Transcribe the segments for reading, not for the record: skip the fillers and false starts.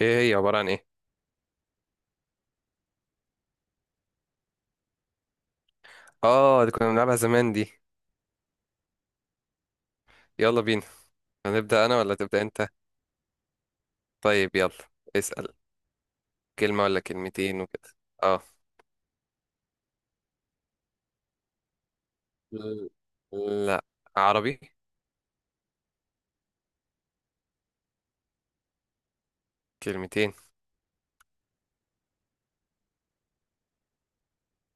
ايه هي عبارة عن ايه؟ اه، دي كنا بنلعبها زمان دي. يلا بينا. هنبدأ انا ولا تبدأ انت؟ طيب يلا. اسأل. كلمة ولا كلمتين وكده. اه. لا. عربي. كلمتين.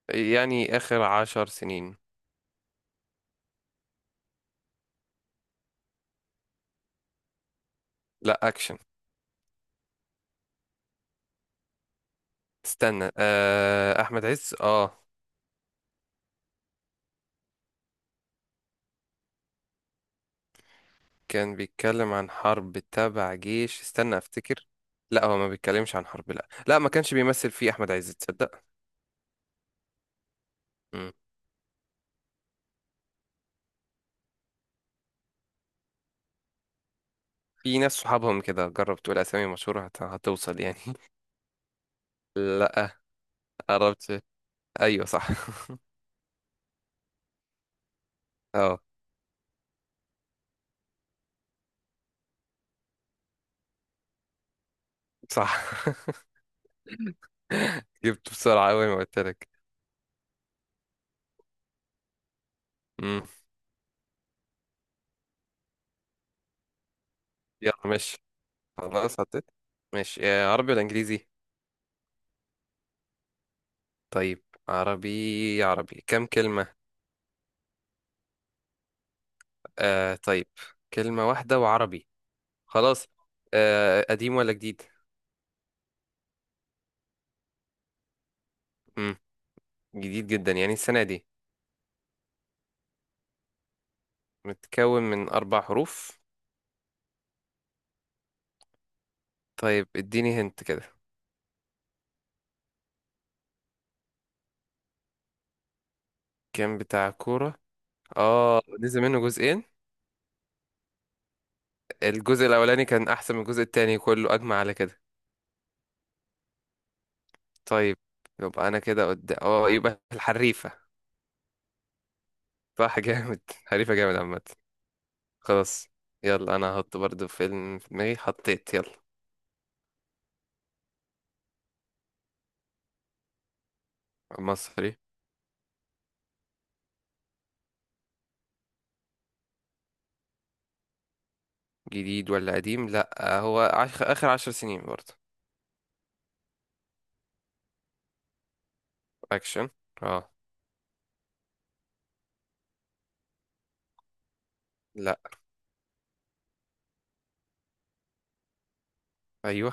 يعني اخر 10 سنين. لا، اكشن. استنى، احمد عز، اه. كان بيتكلم عن حرب تبع جيش، استنى افتكر. لا، هو ما بيتكلمش عن حرب، لا لا ما كانش بيمثل فيه احمد عز، تصدق؟ مم. في ناس صحابهم كده، جرب تقول اسامي مشهورة هتوصل يعني. لا. قربت. ايوه صح. اه. صح. جبت بسرعة أوي ما قلت لك. امم. يلا ماشي. خلاص حطيت. ماشي. عربي ولا إنجليزي؟ طيب، عربي عربي كم كلمة؟ طيب. كلمة واحدة وعربي. خلاص. قديم ولا جديد؟ امم. جديد جدا يعني السنة دي؟ متكون من 4 حروف؟ طيب اديني هنت كده. كان بتاع كورة؟ اه، نزل منه جزئين. الجزء الأولاني كان أحسن من الجزء التاني، كله أجمع على كده. طيب. يبقى انا كده قدام، يبقى الحريفة. صح. جامد. حريفة جامد عامة. خلاص. يلا، انا هحط برضه فيلم في دماغي. حطيت، يلا. مصري. جديد ولا قديم؟ لا هو اخر 10 سنين برضه. اكشن. اه. لا. ايوه.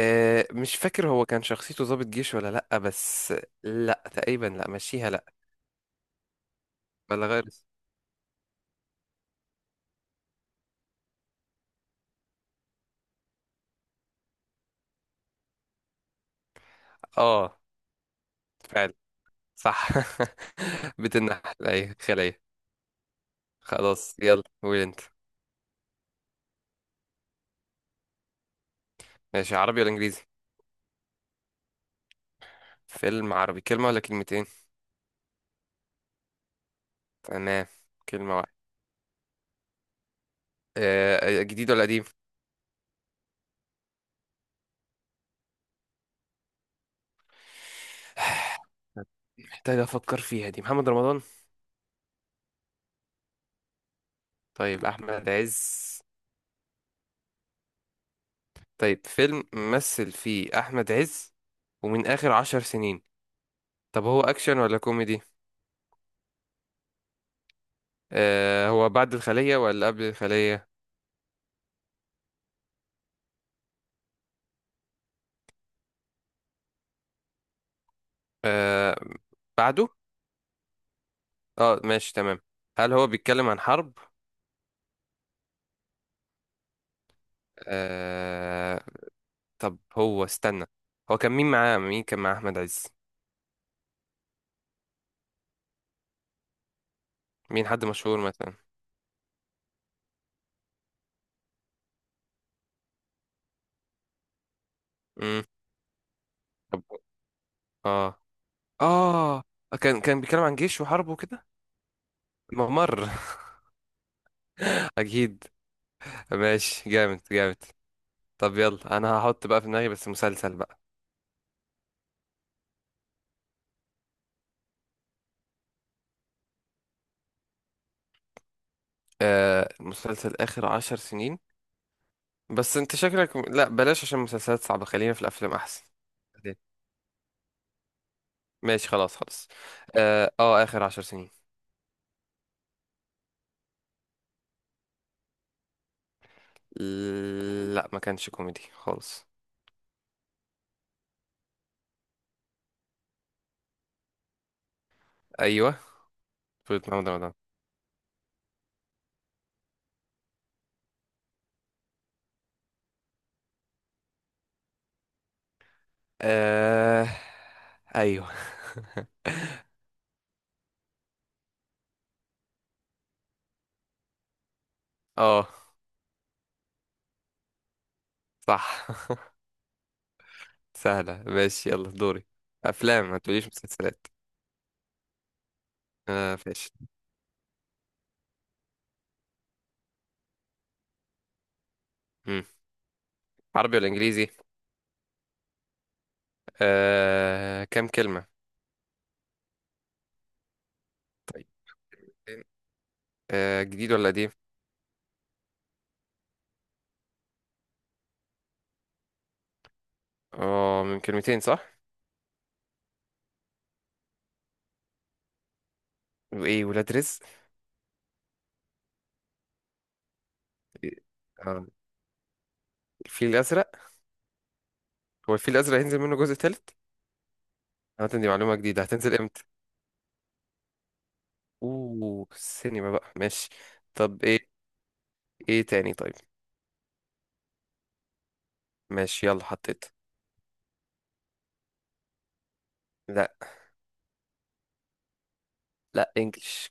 مش فاكر هو كان شخصيته ضابط جيش ولا، لا بس. لا تقريبا، لا مشيها لا. ولا غير. اه. فعلا. صح. بتنحل، ايوه، خلية. خلاص، يلا قول انت. ماشي. عربي ولا انجليزي؟ فيلم عربي، كلمة ولا كلمتين؟ تمام. كلمة واحدة. جديد ولا قديم؟ محتاج أفكر فيها، دي محمد رمضان؟ طيب، أحمد عز؟ طيب، فيلم مثل فيه أحمد عز. ومن آخر 10 سنين. طب هو أكشن ولا كوميدي؟ هو بعد الخلية ولا قبل الخلية؟ آه بعده. اه ماشي تمام. هل هو بيتكلم عن حرب؟ آه. طب هو، استنى. هو كان مين معاه؟ مين كان مع أحمد عز؟ مين حد مشهور مثلا؟ مم. اه، اه. كان بيتكلم عن جيش وحرب وكده. ممر. اكيد. ماشي، جامد جامد. طب يلا، انا هحط بقى في دماغي بس مسلسل بقى. مسلسل اخر 10 سنين. بس انت شكلك، لا بلاش عشان مسلسلات صعبة، خلينا في الافلام احسن. بعدين. ماشي خلاص خلاص. اه، اخر 10 سنين. لا، ما كانش كوميدي خالص. ايوه. فوت محمد رمضان. آه، ايوه. اه، صح. سهلة ماشي، يلا دوري. أفلام، ما تقوليش مسلسلات. ماشي. مم. عربي ولا إنجليزي؟ كام كلمة؟ جديد ولا قديم؟ اه، من كلمتين صح؟ وإيه، ولاد رزق؟ إيه؟ آه. الفيل الأزرق. هو الفيل الأزرق هينزل منه جزء تالت؟ هات دي معلومة جديدة، هتنزل إمتى؟ أوه، السينما بقى، ماشي. طب إيه. إيه تاني؟ طيب. ماشي، يلا حطيت. لا. لا، إنجلش.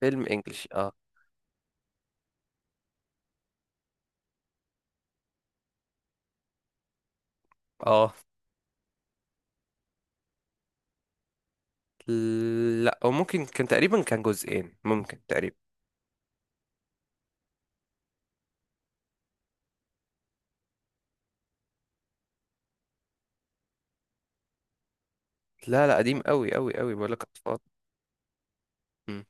فيلم إنجلش، اه. اه. لا، وممكن كان تقريبا كان جزئين ممكن تقريبا. لا لا قديم قوي قوي قوي، بقول لك اطفال. مم.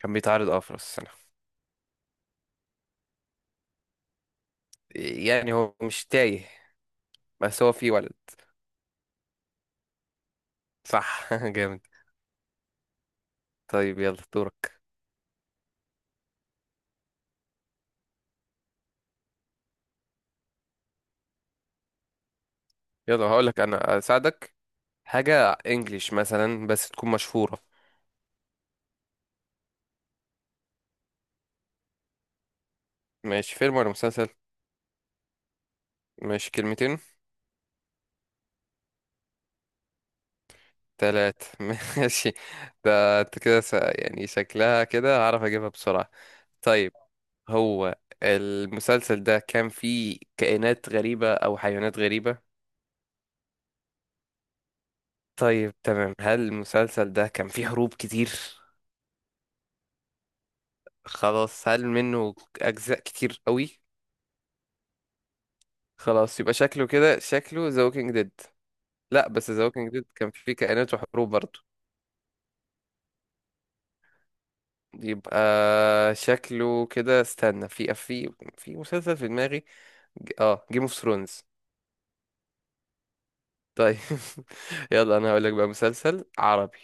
كان بيتعرض في راس السنة. يعني هو مش تايه. بس هو فيه ولد. صح. جامد. طيب، يلا دورك. يلا هقول لك، انا اساعدك. حاجة انجليش مثلا بس تكون مشهورة. ماشي، فيلم ولا مسلسل؟ ماشي، كلمتين؟ تلات. ماشي. ده انت كده يعني شكلها كده هعرف اجيبها بسرعة. طيب. هو المسلسل ده كان فيه كائنات غريبة او حيوانات غريبة؟ طيب تمام، هل المسلسل ده كان فيه هروب كتير؟ خلاص، هل منه اجزاء كتير قوي؟ خلاص، يبقى شكله كده، شكله ذا ووكينج ديد؟ لا، بس ذا ووكينج ديد كان فيه كائنات وحروب برضه. يبقى شكله كده، استنى. في في مسلسل في دماغي. جيم اوف ثرونز. طيب. يلا، انا هقول لك بقى مسلسل عربي.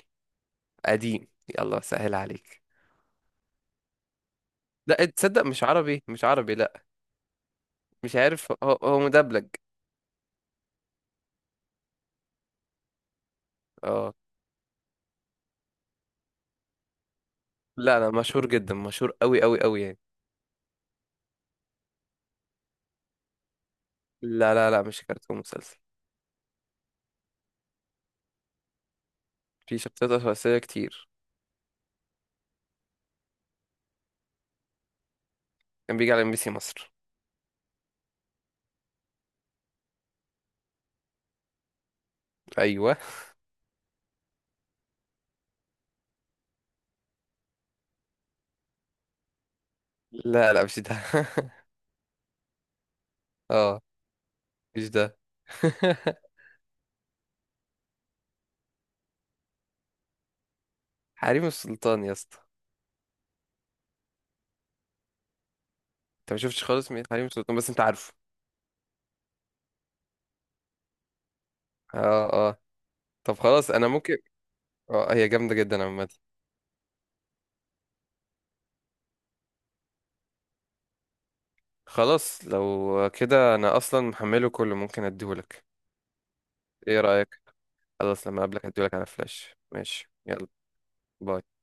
قديم. يلا، سهل عليك. لا تصدق، مش عربي مش عربي لا. مش عارف. هو مدبلج. اه. لا لا، مشهور جدا، مشهور قوي قوي قوي يعني. لا لا لا، مش كرتون، مسلسل. في شخصيات رئيسية كتير. كان بيجي على MBC مصر. ايوه. لا لا، مش ده. اه، مش ده. حريم السلطان يا اسطى. انت ما شفتش خالص، مين حريم السلطان، بس انت عارفه؟ اه، اه. طب خلاص، انا ممكن. اه، هي جامدة جدا عامة. خلاص لو كده انا اصلا محمله كله، ممكن اديهولك. ايه رأيك؟ خلاص، لما اقابلك اديهولك على فلاش، ماشي يلا. باي.